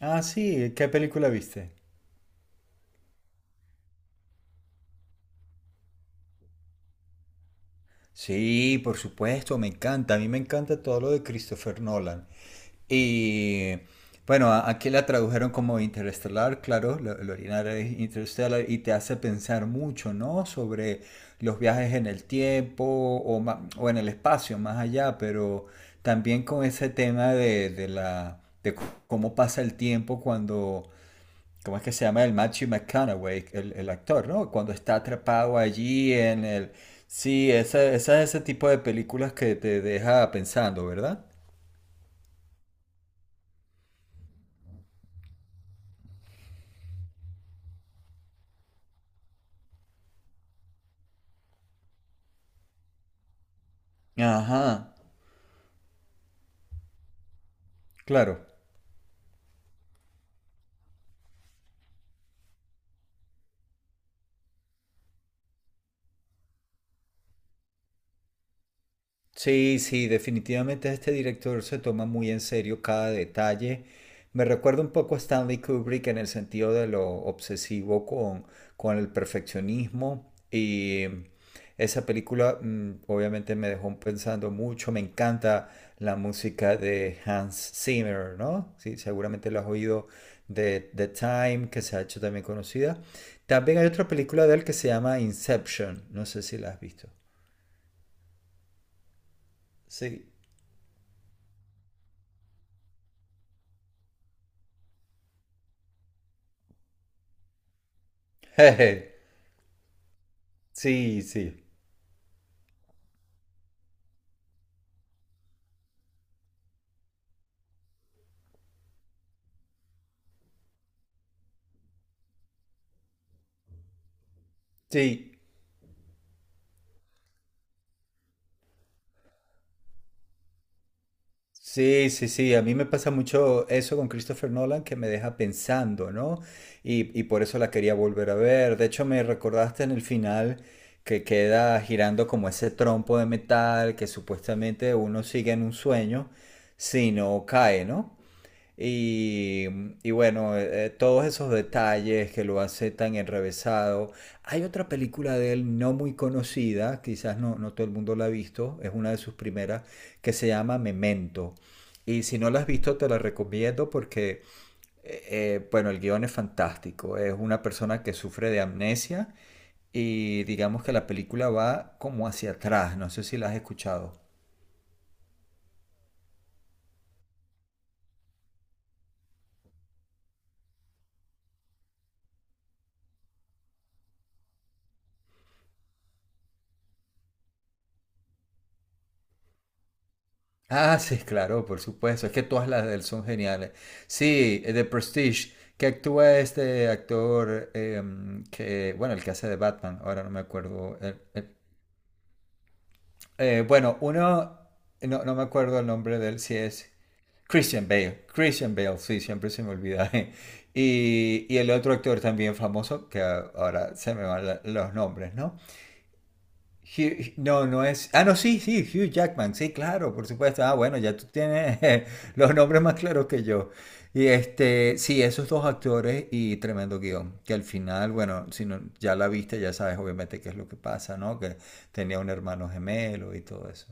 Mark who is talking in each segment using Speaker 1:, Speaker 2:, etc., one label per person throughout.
Speaker 1: Ah, sí, ¿qué película viste? Sí, por supuesto, me encanta. A mí me encanta todo lo de Christopher Nolan. Y bueno, aquí la tradujeron como Interestelar, claro, la original es Interestelar y te hace pensar mucho, ¿no? Sobre los viajes en el tiempo o, o en el espacio, más allá, pero también con ese tema de cómo pasa el tiempo cuando ¿cómo es que se llama el Matthew McConaughey, el actor, ¿no? Cuando está atrapado allí en el... Sí, esa es ese tipo de películas que te deja pensando, ¿verdad? Ajá, claro. Sí, sí, definitivamente este director se toma muy en serio cada detalle. Me recuerda un poco a Stanley Kubrick en el sentido de lo obsesivo con el perfeccionismo. Y esa película obviamente me dejó pensando mucho. Me encanta la música de Hans Zimmer, ¿no? Sí, seguramente lo has oído de The Time, que se ha hecho también conocida. También hay otra película de él que se llama Inception. No sé si la has visto. Sí. Sí, sí. Sí, sí, sí, sí. A mí me pasa mucho eso con Christopher Nolan que me deja pensando, ¿no? Y por eso la quería volver a ver. De hecho, me recordaste en el final que queda girando como ese trompo de metal que supuestamente uno sigue en un sueño, si no cae, ¿no? Y, y bueno, todos esos detalles que lo hace tan enrevesado. Hay otra película de él no muy conocida, quizás no todo el mundo la ha visto, es una de sus primeras, que se llama Memento. Y si no la has visto, te la recomiendo porque, bueno, el guión es fantástico. Es una persona que sufre de amnesia y digamos que la película va como hacia atrás. No sé si la has escuchado. Ah, sí, claro, por supuesto. Es que todas las de él son geniales. Sí, The Prestige, que actúa este actor que, bueno, el que hace de Batman, ahora no me acuerdo. Bueno, uno, no, no me acuerdo el nombre de él, si es Christian Bale. Christian Bale, sí, siempre se me olvida. Y el otro actor también famoso, que ahora se me van los nombres, ¿no? Hugh- no, no es. Ah, no, sí, sí, Hugh Jackman, sí, claro, por supuesto. Ah, bueno, ya tú tienes los nombres más claros que yo. Y este, sí, esos dos actores y tremendo guión, que al final, bueno, si no, ya la viste, ya sabes obviamente qué es lo que pasa, ¿no? Que tenía un hermano gemelo y todo eso.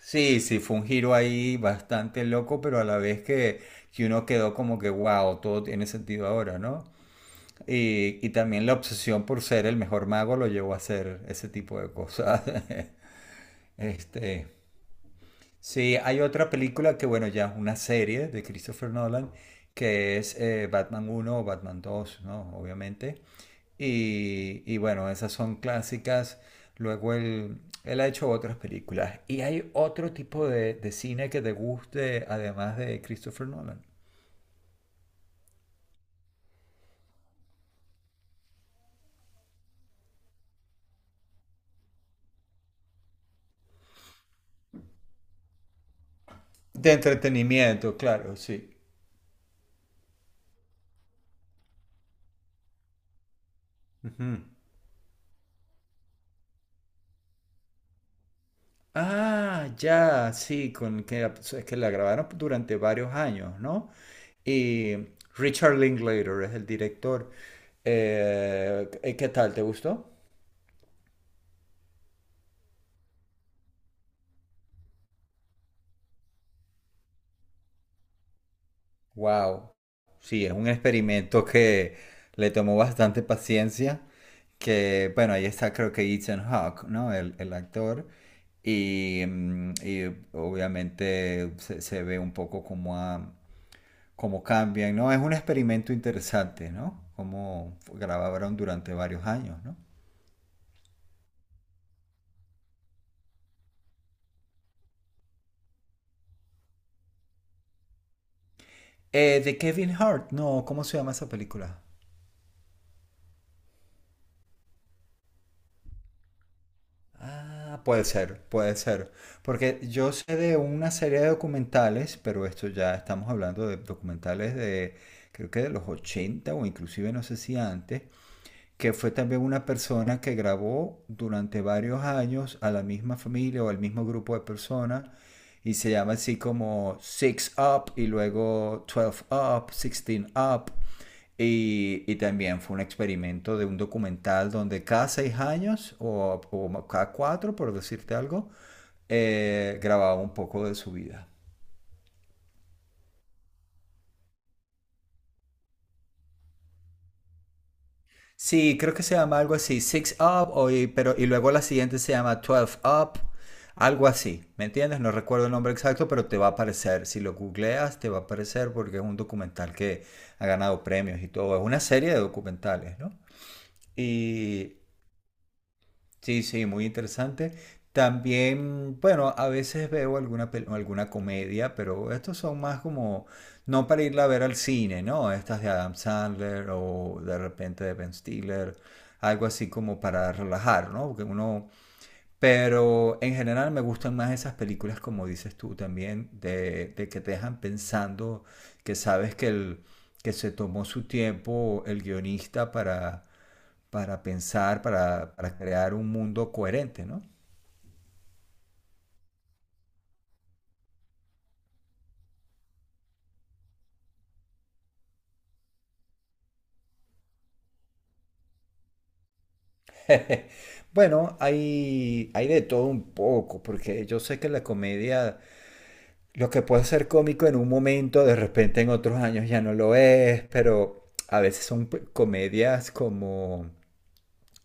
Speaker 1: Sí, sí, fue un giro ahí bastante loco, pero a la vez que uno quedó como que, wow, todo tiene sentido ahora, ¿no? Y también la obsesión por ser el mejor mago lo llevó a hacer ese tipo de cosas. Este, sí, hay otra película que, bueno, ya es una serie de Christopher Nolan, que es Batman uno o Batman 2, ¿no? Obviamente. Y bueno, esas son clásicas. Luego él ha hecho otras películas. ¿Y hay otro tipo de cine que te guste, además de Christopher Nolan? De entretenimiento, claro, sí. Ujú. Ah, ya, sí, con que, es que la grabaron durante varios años, ¿no? Y Richard Linklater es el director. Qué tal? ¿Te gustó? Wow. Sí, es un experimento que le tomó bastante paciencia. Que, bueno, ahí está creo que Ethan Hawke, ¿no? El actor. Y, y obviamente se ve un poco como a cómo cambian, ¿no? Es un experimento interesante, ¿no? Cómo grabaron durante varios años, ¿no? De Kevin Hart, no, ¿cómo se llama esa película? Ah, puede ser, puede ser. Porque yo sé de una serie de documentales, pero esto ya estamos hablando de documentales de, creo que de los 80 o inclusive no sé si antes, que fue también una persona que grabó durante varios años a la misma familia o al mismo grupo de personas y se llama así como Six Up y luego twelve Up, sixteen Up. Y también fue un experimento de un documental donde cada seis años o cada cuatro, por decirte algo, grababa un poco de su vida. Sí, creo que se llama algo así, Six Up, o y, pero, y luego la siguiente se llama 12 Up, algo así, ¿me entiendes? No recuerdo el nombre exacto, pero te va a aparecer, si lo googleas, te va a aparecer porque es un documental que ha ganado premios y todo, es una serie de documentales, ¿no? Y sí, sí, muy interesante. También, bueno, a veces veo pel- alguna comedia, pero estos son más como, no para irla a ver al cine, ¿no? Estas de Adam Sandler o de repente de Ben Stiller, algo así como para relajar, ¿no? Porque uno, pero en general me gustan más esas películas, como dices tú también, de que te dejan pensando, que sabes que, el, que se tomó su tiempo el guionista para pensar, para crear un mundo coherente, ¿no? Bueno, hay de todo un poco, porque yo sé que la comedia, lo que puede ser cómico en un momento, de repente en otros años ya no lo es, pero a veces son comedias como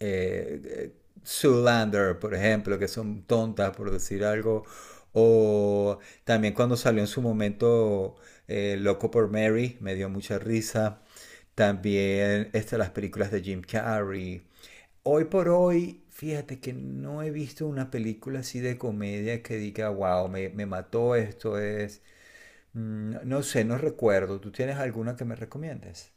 Speaker 1: eh, eh, Zoolander, por ejemplo, que son tontas, por decir algo. O también cuando salió en su momento Loco por Mary, me dio mucha risa. También estas las películas de Jim Carrey. Hoy por hoy, fíjate que no he visto una película así de comedia que diga, wow, me mató esto, es... no sé, no recuerdo. ¿Tú tienes alguna que me recomiendes?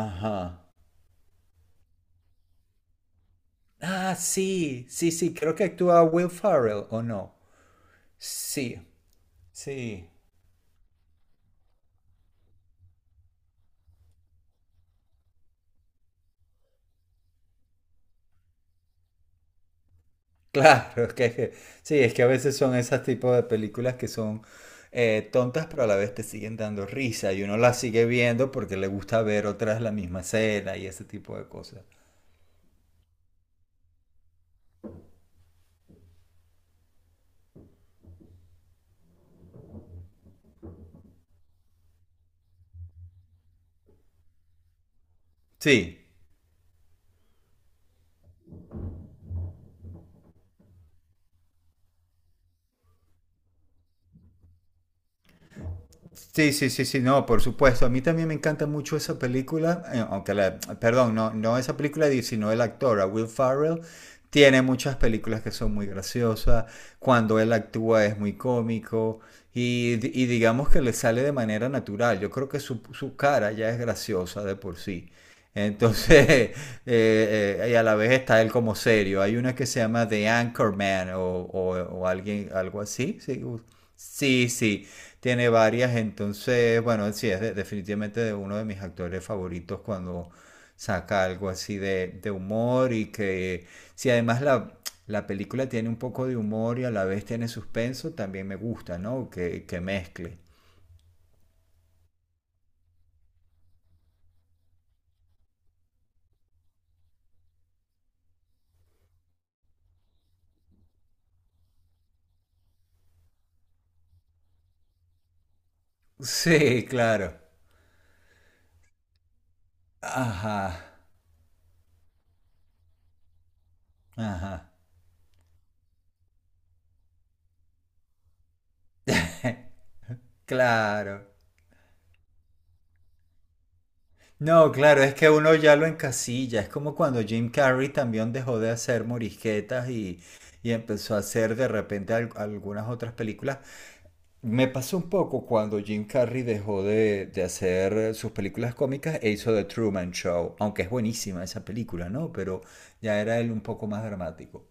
Speaker 1: Ajá. Ah, sí, sí, sí, creo que actúa Will Ferrell, ¿o no? Sí, sí, claro, sí, es que a veces son esos tipos de películas que son tontas, pero a la vez te siguen dando risa y uno las sigue viendo porque le gusta ver otras la misma escena y ese tipo de cosas. Sí, sí, sí, sí, sí, no, por supuesto. A mí también me encanta mucho esa película, aunque la, perdón, no esa película, sino el actor, a Will Ferrell. Tiene muchas películas que son muy graciosas, cuando él actúa es muy cómico y, y digamos que le sale de manera natural. Yo creo que su cara ya es graciosa de por sí. Entonces, y a la vez está él como serio. Hay una que se llama The Anchorman o alguien, algo así. Sí, sí, sí. Tiene varias, entonces, bueno, sí, es definitivamente de uno de mis actores favoritos cuando saca algo así de humor y que si además la película tiene un poco de humor y a la vez tiene suspenso, también me gusta, ¿no? Que mezcle. Sí, claro. Ajá, ajá. Claro. No, claro, es que uno ya lo encasilla. Es como cuando Jim Carrey también dejó de hacer morisquetas y empezó a hacer de repente algunas otras películas. Me pasó un poco cuando Jim Carrey dejó de hacer sus películas cómicas e hizo The Truman Show, aunque es buenísima esa película, ¿no? Pero ya era él un poco más dramático.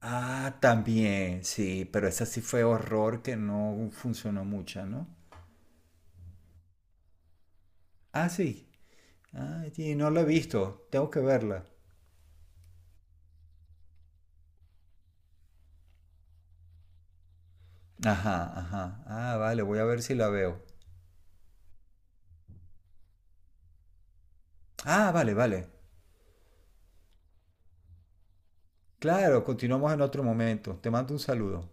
Speaker 1: Ah, también, sí, pero esa sí fue horror que no funcionó mucho, ¿no? Ah, sí. Ah, sí, no la he visto, tengo que verla. Ajá, ajá. Ah, vale, voy a ver si la veo. Ah, vale, vale. Claro, continuamos en otro momento. Te mando un saludo.